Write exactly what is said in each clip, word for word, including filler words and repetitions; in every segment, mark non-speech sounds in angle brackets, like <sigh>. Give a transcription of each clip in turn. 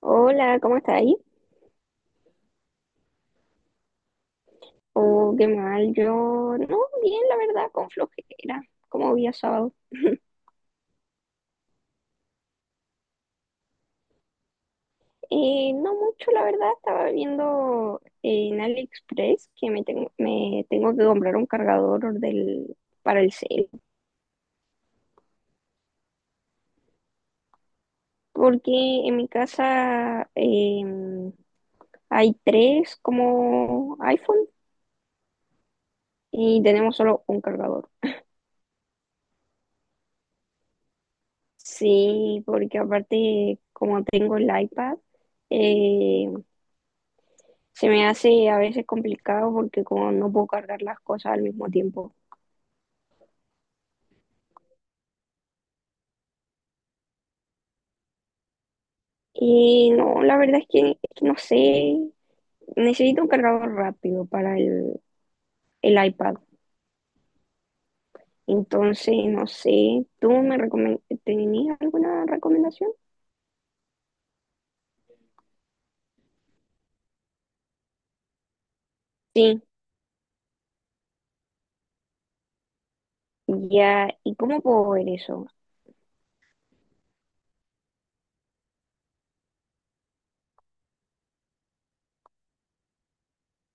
Hola, ¿cómo estás ahí? Oh, qué mal, yo no, bien, la verdad, con flojera, como día sábado. Eh, no mucho, la verdad, estaba viendo en AliExpress que me tengo, me tengo que comprar un cargador del, para el cel, porque en mi casa em, hay tres como iPhone y tenemos solo un cargador. Sí, porque aparte, como tengo el iPad, eh, Se me hace a veces complicado porque como no puedo cargar las cosas al mismo tiempo. Y no, la verdad es que, es que no sé, necesito un cargador rápido para el, el iPad. Entonces, no sé, ¿tú me recomen- tenías alguna recomendación? Sí, ya, ¿y cómo puedo ver eso?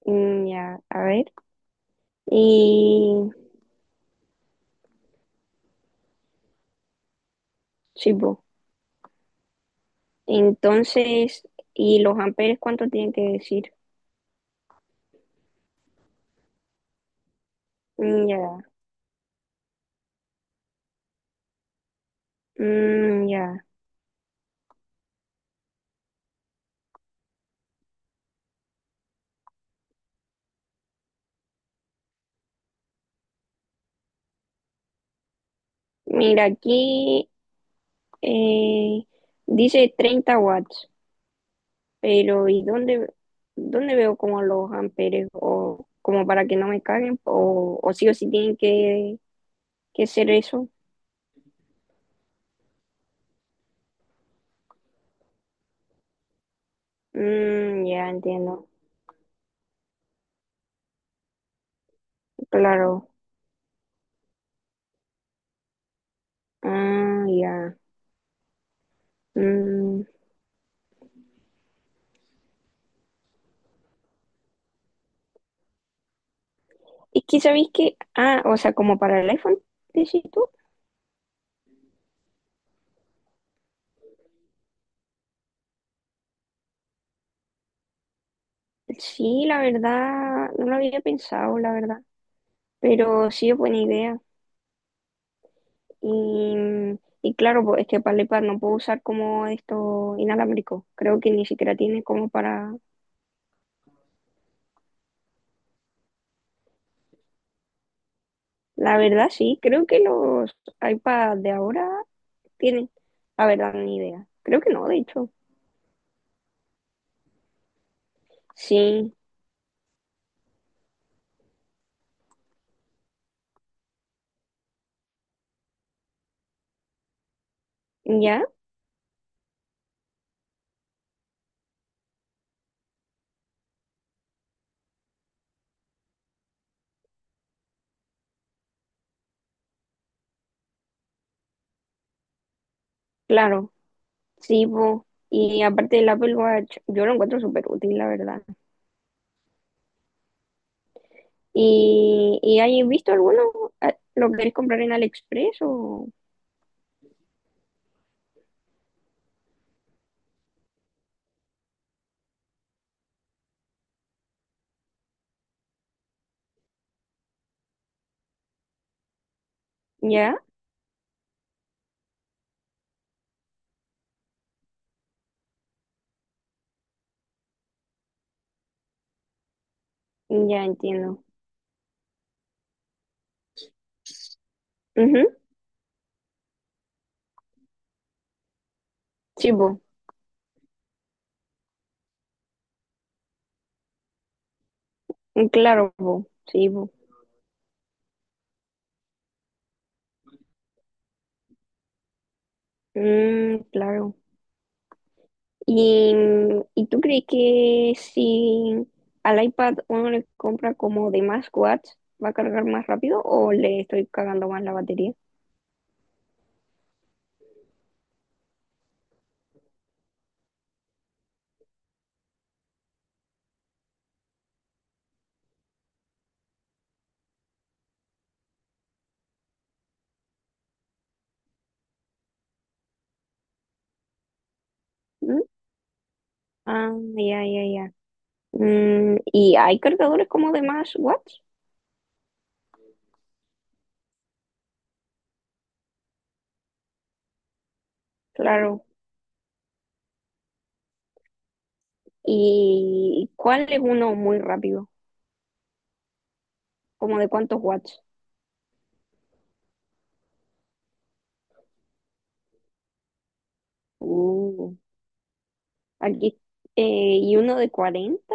Mm, ya, a ver. Y sí, po. Entonces, ¿y los amperes cuánto tienen que decir? Mm, ya. Mm, ya. Mira, aquí Eh, dice treinta watts, pero ¿y dónde, dónde veo como los amperes o como para que no me caguen o, o sí o sí tienen que, que ser eso? Mm, ya entiendo, claro. Ah, ya. Mm. Es que sabéis que, ah, o sea, como para el iPhone, decís tú. Sí, la verdad, no lo había pensado, la verdad, pero sí es buena idea. Y, y claro, pues este para el iPad no puedo usar como esto inalámbrico. Creo que ni siquiera tiene como para... La verdad, sí, creo que los iPads de ahora tienen, la verdad, ni idea. Creo que no, de hecho. Sí, ya, claro, sí, pues. Y aparte del Apple Watch, yo lo encuentro súper útil, la verdad. ¿Y, y hay visto alguno? Ah, ¿lo querés comprar en AliExpress o...? Ya, ya entiendo. Ujú, sí, pues. Claro, pues. Sí, pues. Mm, claro. ¿Y, y tú crees que si al iPad uno le compra como de más watts, va a cargar más rápido o le estoy cagando más la batería? ¿Mm? Ah, ya, ya, ya. Mm, ¿y hay cargadores como de más watts? Claro. ¿Y cuál es uno muy rápido? ¿Como de cuántos watts? Uh, aquí. eh, ¿y uno de cuarenta.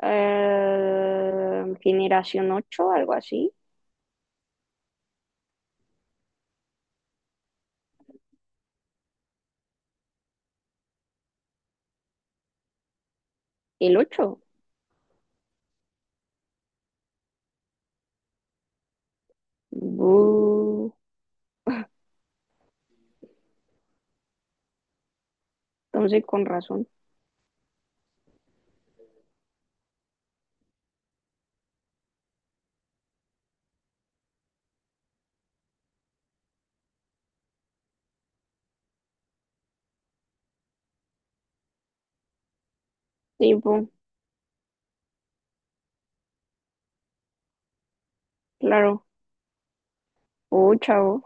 Eh, generación ocho algo así. ¿El ocho? Bu. Entonces, con razón. Tipo, claro. Oh, chavo.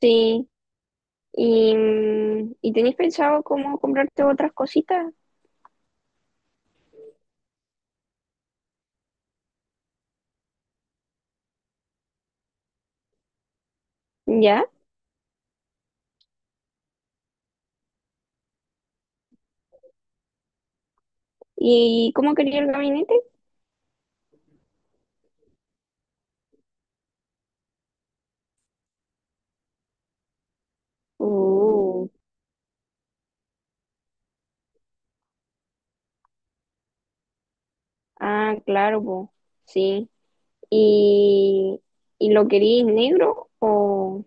Sí. ¿Y, mm, ¿y tenéis pensado cómo comprarte otras cositas? ¿Ya? ¿Y cómo quería el gabinete? Uh, ah, claro, po. Sí. ¿Y, y lo queréis negro o,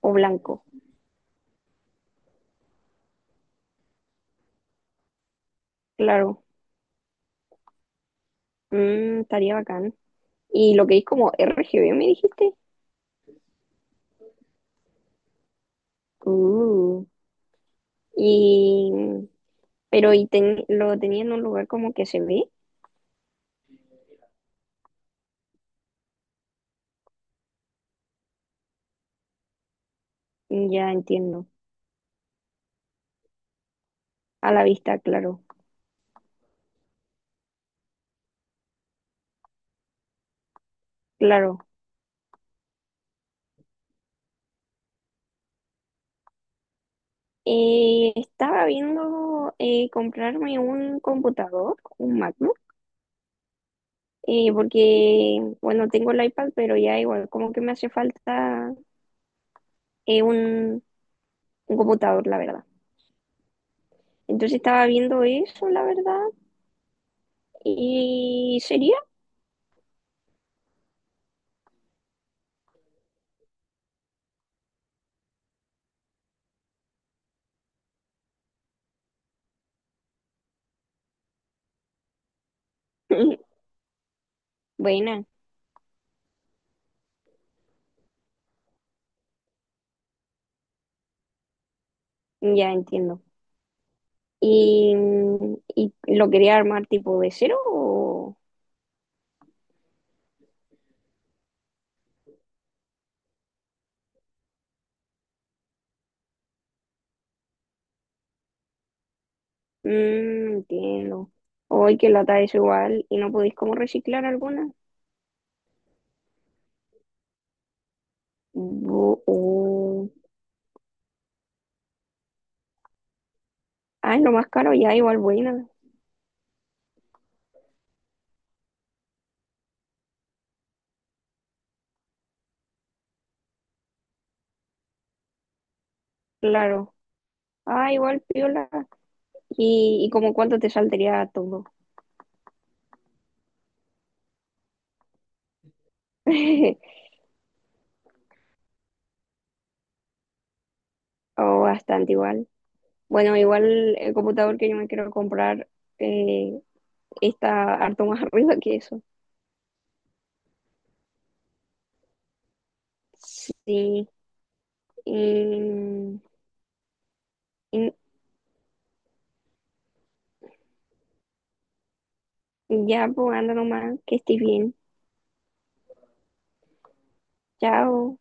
o blanco? Claro. Mm, estaría bacán. ¿Y lo queréis como R G B, me dijiste? Uh, y, pero, ¿y ten- lo tenía en un lugar como que se ve? Mm, ya entiendo. A la vista, claro, claro. Eh, estaba viendo eh, comprarme un computador, un MacBook, eh, porque, bueno, tengo el iPad, pero ya igual, como que me hace falta eh, un, un computador, la verdad. Entonces estaba viendo eso, la verdad, y sería <laughs> buena, ya entiendo. ¿Y, y lo quería armar tipo de cero o...? Mm, entiendo. Hoy que lata es igual y no podéis como reciclar alguna. Bu- uh. Ay, lo más caro ya, igual buena. Claro. Ah, igual piola. ¿Y, y como cuánto te saldría todo? <laughs> O bastante igual. Bueno, igual el computador que yo me quiero comprar eh, está harto más <laughs> arriba que eso. Sí. Y, y ya, pues anda nomás, que estés bien. Chao.